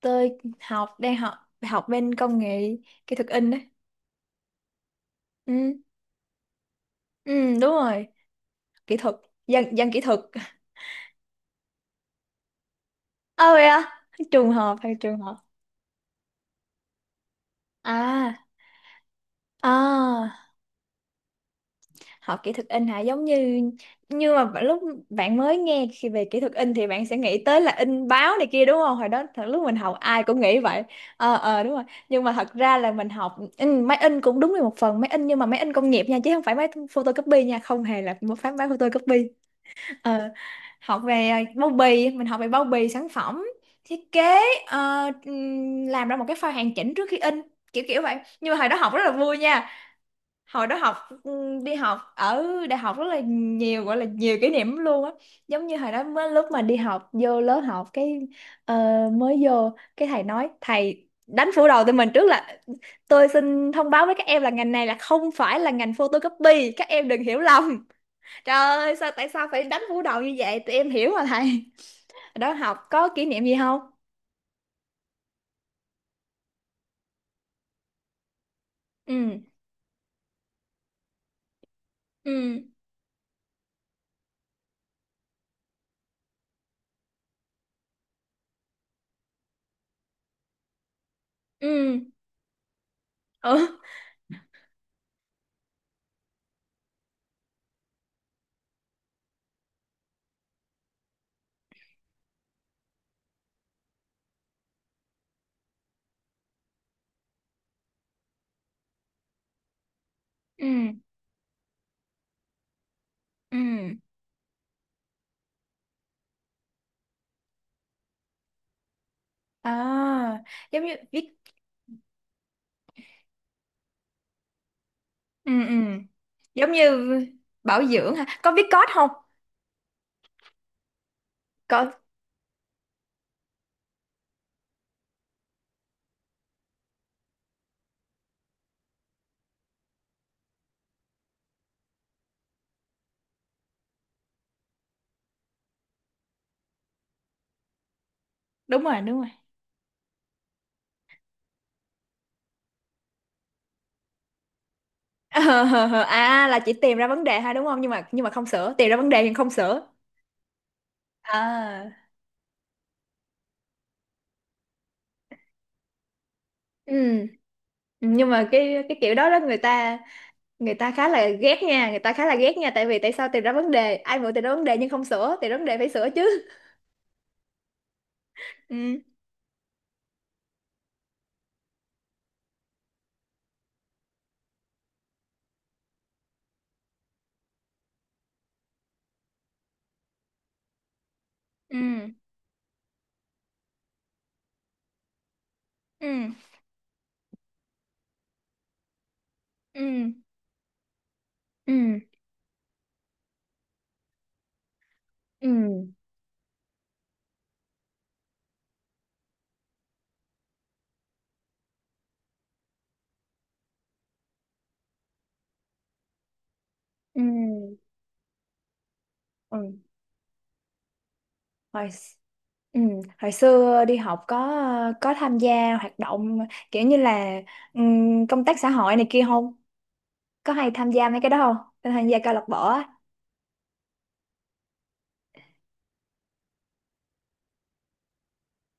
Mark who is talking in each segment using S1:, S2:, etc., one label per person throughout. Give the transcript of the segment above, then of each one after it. S1: tôi học học bên công nghệ kỹ thuật in đấy. ừ, ừ Đúng rồi. Kỹ thuật, dân dân kỹ thuật. Ơ, vậy à? Trường hợp. à à Học kỹ thuật in hả? Giống như, như mà lúc bạn mới nghe khi về kỹ thuật in thì bạn sẽ nghĩ tới là in báo này kia đúng không? Hồi đó thật, lúc mình học ai cũng nghĩ vậy. Đúng rồi. Nhưng mà thật ra là mình học in, máy in cũng đúng là một phần, máy in nhưng mà máy in công nghiệp nha, chứ không phải máy photocopy nha, không hề là một phán máy photocopy. Ờ, học về à, bao bì, mình học về bao bì sản phẩm, thiết kế, làm ra một cái file hoàn chỉnh trước khi in, kiểu kiểu vậy. Nhưng mà hồi đó học rất là vui nha. Hồi đó học Đi học ở đại học rất là nhiều, gọi là nhiều kỷ niệm lắm luôn á. Giống như hồi đó mới, lúc mà đi học vô lớp học cái ờ, mới vô cái, thầy nói, thầy đánh phủ đầu tụi mình trước là tôi xin thông báo với các em là ngành này là không phải là ngành photocopy, các em đừng hiểu lầm. Trời ơi, sao tại sao phải đánh vũ đầu như vậy? Tụi em hiểu mà thầy. Đó, học có kỷ niệm gì không? Ừ, ừ. Ừ. Ừ, ừ. Ừ. À, giống như viết. Ừ, ừ. Giống như bảo dưỡng ha. Có viết code không? Có. Đúng rồi, đúng rồi. Ờ, à là chỉ tìm ra vấn đề ha đúng không? Nhưng mà không sửa, tìm ra vấn đề nhưng không sửa. À. Ừ, nhưng mà cái kiểu đó đó người ta, người ta khá là ghét nha người ta khá là ghét nha. Tại vì tại sao tìm ra vấn đề, ai muốn tìm ra vấn đề nhưng không sửa, tìm ra vấn đề phải sửa chứ. Ừ. Ừ. Ừ. Ừ. Ừ. Ừ. Ừ. Ừ. hồi x- ừ, hồi xưa đi học có tham gia hoạt động kiểu như là công tác xã hội này kia không? Có hay tham gia mấy cái đó không, tham gia câu lạc bộ á?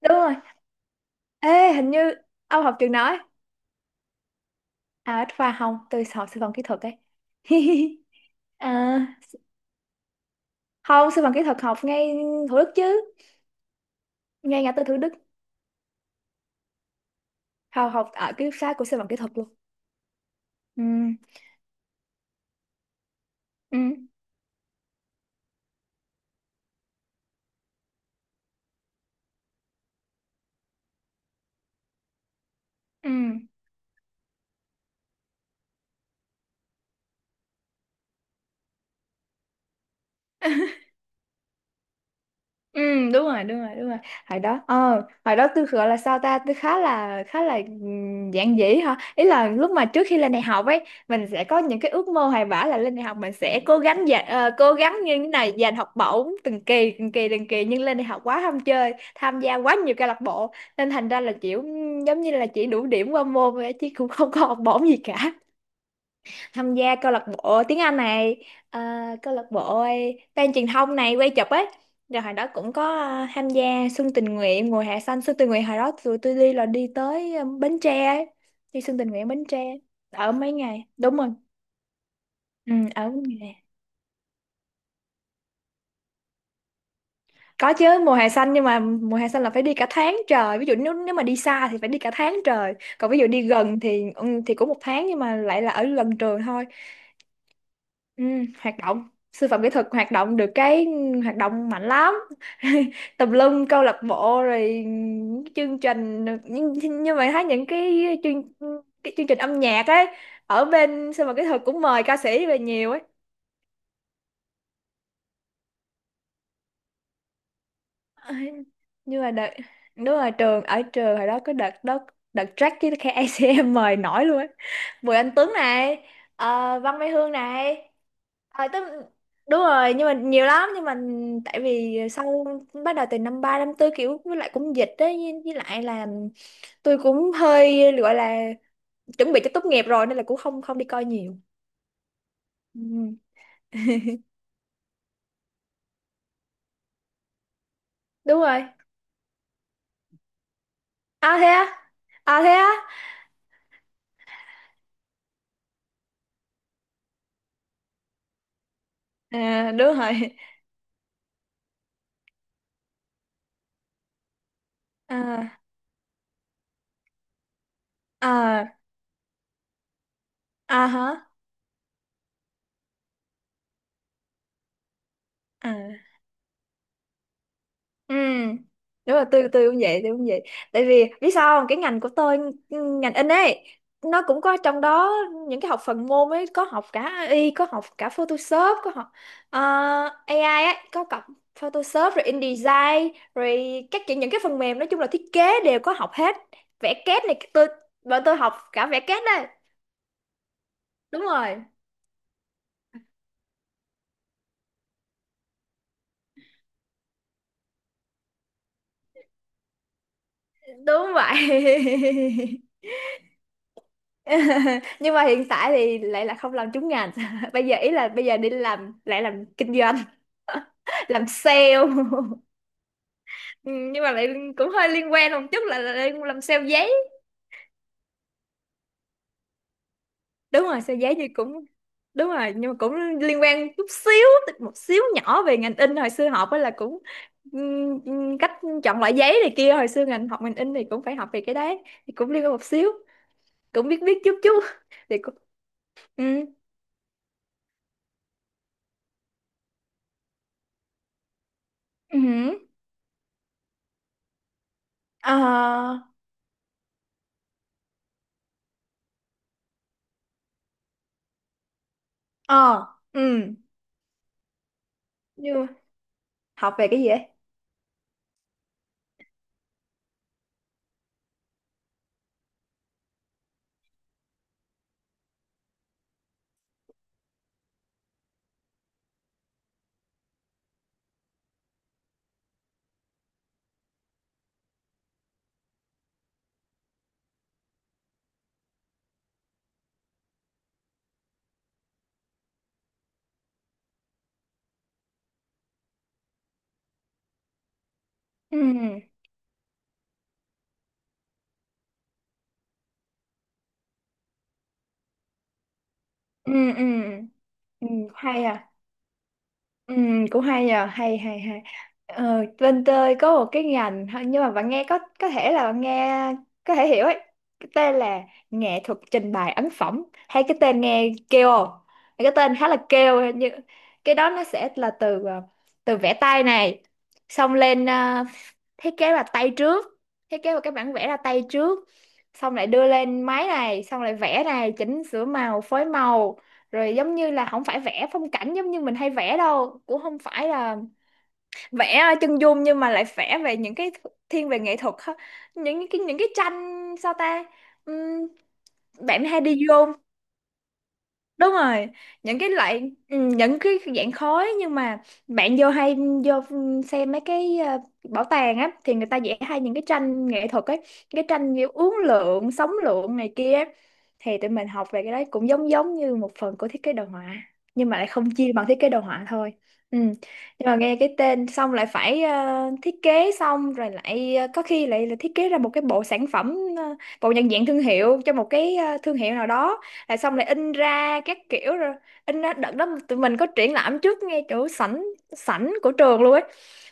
S1: Đúng rồi. Ê, hình như ông học trường đó? À, bách khoa không, tôi học sư phạm kỹ thuật ấy. À, không, sư phạm kỹ thuật học ngay Thủ Đức chứ. Ngay ngã tư Thủ Đức, học học ở ký túc xá của sư phạm kỹ thuật luôn. Ừ. Ừ. Ừ. Ừ. Đúng rồi, đúng rồi, đúng rồi. Hồi đó, ờ hồi đó tôi gọi là sao ta, tôi khá là, khá là giản dị hả, ý là lúc mà trước khi lên đại học ấy, mình sẽ có những cái ước mơ hoài bão là lên đại học mình sẽ cố gắng dành cố gắng như thế này giành học bổng từng kỳ. Nhưng lên đại học quá ham chơi, tham gia quá nhiều câu lạc bộ nên thành ra là kiểu giống như là chỉ đủ điểm qua môn thôi chứ cũng không có học bổng gì cả. Tham gia câu lạc bộ tiếng Anh này, à, câu lạc bộ ban truyền thông này, quay chụp ấy. Rồi hồi đó cũng có à, tham gia xuân tình nguyện, mùa hè xanh. Xuân tình nguyện hồi đó tụi tôi đi là đi tới à, Bến Tre ấy. Đi xuân tình nguyện Bến Tre, ở mấy ngày, đúng rồi. Ừ, ở mấy ngày. Có chứ, mùa hè xanh, nhưng mà mùa hè xanh là phải đi cả tháng trời. Ví dụ nếu nếu mà đi xa thì phải đi cả tháng trời, còn ví dụ đi gần thì ừ, thì cũng một tháng nhưng mà lại là ở gần trường thôi. Ừ, hoạt động sư phạm kỹ thuật hoạt động được cái hoạt động mạnh lắm. Tùm lum câu lạc bộ rồi những chương trình. Nhưng mà Thấy những cái chương cái chương trình âm nhạc ấy ở bên sư phạm kỹ thuật cũng mời ca sĩ về nhiều ấy. Ờ, nhưng mà đợt, đúng rồi trường, ở trường hồi đó có đợt đó, đợt track với cái ACM mời nổi luôn ấy. Bùi Anh Tuấn này, ờ, Văn Mai Hương này. À, tức, đúng rồi, nhưng mà nhiều lắm. Nhưng mà tại vì sau, bắt đầu từ năm ba năm tư kiểu, với lại cũng dịch đấy, với lại là tôi cũng hơi gọi là chuẩn bị cho tốt nghiệp rồi nên là cũng không không đi coi nhiều. Ừ, đúng rồi. À, thế á. À, thế á. À, đúng rồi. À. À. À hả. À. Ừ. Đúng là tôi cũng vậy, tôi cũng vậy. Tại vì biết sao không? Cái ngành của tôi, ừ, ngành in ấy, nó cũng có trong đó những cái học phần môn ấy, có học cả AI, có học cả Photoshop, có học ờ, AI ấy, có cặp Photoshop rồi InDesign rồi các kiểu, những cái phần mềm nói chung là thiết kế đều có học hết. Vẽ kết này, bọn tôi học cả vẽ kết đây. Đúng rồi, đúng vậy. Nhưng mà hiện tại thì lại là không làm trúng ngành. Bây giờ ý là bây giờ đi làm lại làm kinh doanh, làm sale. Ừ, nhưng mà lại cũng hơi liên quan một chút, là đang làm sale giấy. Đúng rồi, sale giấy thì cũng, đúng rồi, nhưng mà cũng liên quan chút xíu, một xíu nhỏ về ngành in hồi xưa học ấy, là cũng cách chọn loại giấy này kia. Hồi xưa ngành học, ngành in thì cũng phải học về cái đấy, thì cũng liên quan một xíu, cũng biết biết chút chút. Thì cũng, ừ. Ừ. Ờ. Ờ. Ừ. Như học về cái gì ấy. Ừ. Ừ. Ừ. Ừ. Hay à. Ừ. Cũng hay à, hay hay hay. Ờ, bên tôi có một cái ngành thôi, nhưng mà bạn nghe có thể là bạn nghe có thể hiểu ấy. Cái tên là nghệ thuật trình bày ấn phẩm, hay cái tên nghe kêu không? Cái tên khá là kêu. Như cái đó nó sẽ là từ từ vẽ tay này, xong lên thiết kế là tay trước, thiết kế vào cái bản vẽ là tay trước, xong lại đưa lên máy này, xong lại vẽ này, chỉnh sửa màu, phối màu, rồi giống như là không phải vẽ phong cảnh giống như mình hay vẽ đâu, cũng không phải là vẽ chân dung, nhưng mà lại vẽ về những cái thiên về nghệ thuật ha. Những cái, những cái tranh sao ta, ừm, bạn hay đi vô, đúng rồi, những cái loại ừ, những cái dạng khói, nhưng mà bạn vô hay vô xem mấy cái bảo tàng á, thì người ta vẽ hay những cái tranh nghệ thuật ấy, cái tranh kiểu uốn lượn sóng lượn này kia á. Thì tụi mình học về cái đấy, cũng giống giống như một phần của thiết kế đồ họa, nhưng mà lại không chia bằng thiết kế đồ họa thôi. Ừ. Nhưng mà nghe cái tên xong lại phải thiết kế xong rồi lại ờ, có khi lại là thiết kế ra một cái bộ sản phẩm bộ nhận diện thương hiệu cho một cái thương hiệu nào đó, rồi xong lại in ra các kiểu. Rồi in ra đợt đó tụi mình có triển lãm trước ngay chỗ sảnh, sảnh của trường luôn ấy,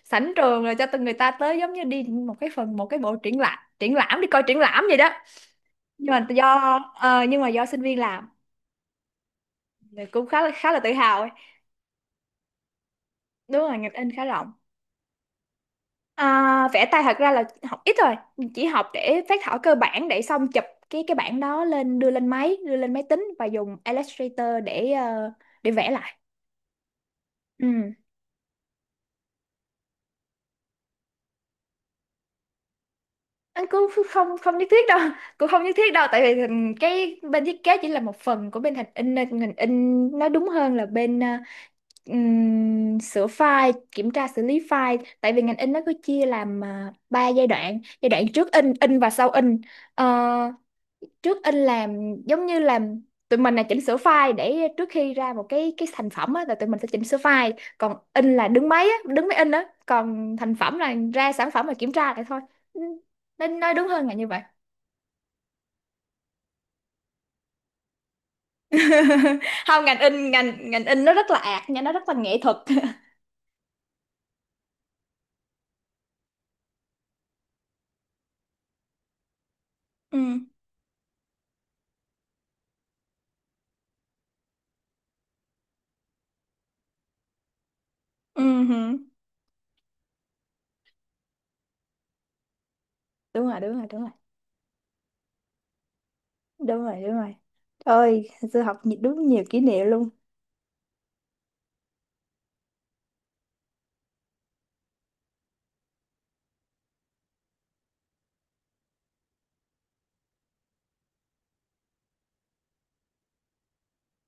S1: sảnh trường, rồi cho từng người ta tới giống như đi một cái phần, một cái bộ triển lãm, triển lãm, đi coi triển lãm vậy đó. Nhưng mà do nhưng mà do sinh viên làm thì cũng khá là, khá là tự hào ấy. Đúng rồi, ngành in khá rộng. À, vẽ tay thật ra là học ít rồi, chỉ học để phác thảo cơ bản, để xong chụp cái bản đó lên, đưa lên máy, đưa lên máy tính và dùng Illustrator để để vẽ lại. Ừ, anh cũng ph-, không không nhất thiết đâu. Cũng không nhất thiết đâu, tại vì cái bên thiết kế chỉ là một phần của bên hình in, nên ngành in nó đúng hơn là bên sửa file, kiểm tra xử lý file. Tại vì ngành in nó cứ chia làm 3 giai đoạn: giai đoạn trước in, in, và sau in. Ờ, trước in làm giống như làm, tụi mình là chỉnh sửa file để trước khi ra một cái thành phẩm á là tụi mình sẽ chỉnh sửa file, còn in là đứng máy á, đứng máy in á, còn thành phẩm là ra sản phẩm, là kiểm tra lại thôi. Nên nói đúng hơn là như vậy. Không, ngành in, ngành ngành in nó rất là ạt nha, nó rất là nghệ thuật. Ừ. Ừ hử. Đúng rồi, đúng rồi, đúng rồi, đúng rồi. Đúng rồi, ơi sư học nhi-, đúng nhiều kỷ niệm luôn.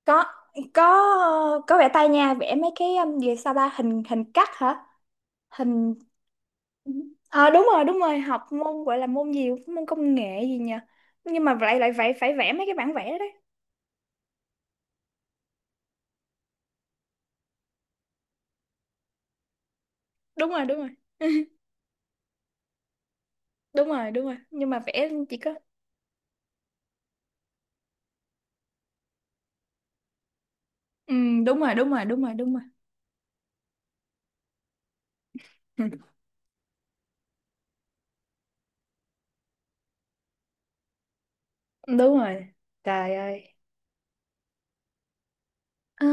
S1: có có có vẽ tay nha. Vẽ mấy cái gì sao ta, hình hình cắt hả, hình. À, đúng rồi, đúng rồi, học môn gọi là môn gì, môn công nghệ gì nhỉ, nhưng mà lại lại phải phải vẽ mấy cái bản vẽ đấy. Đúng rồi, đúng rồi. Đúng rồi, đúng rồi, nhưng mà vẽ chỉ có ừ, đúng rồi, đúng rồi, đúng rồi, đúng rồi. Đúng rồi, trời ơi. Ờ,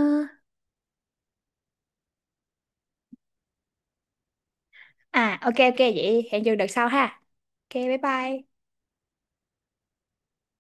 S1: à ok ok, vậy hẹn giờ đợt sau ha. Ok, bye bye.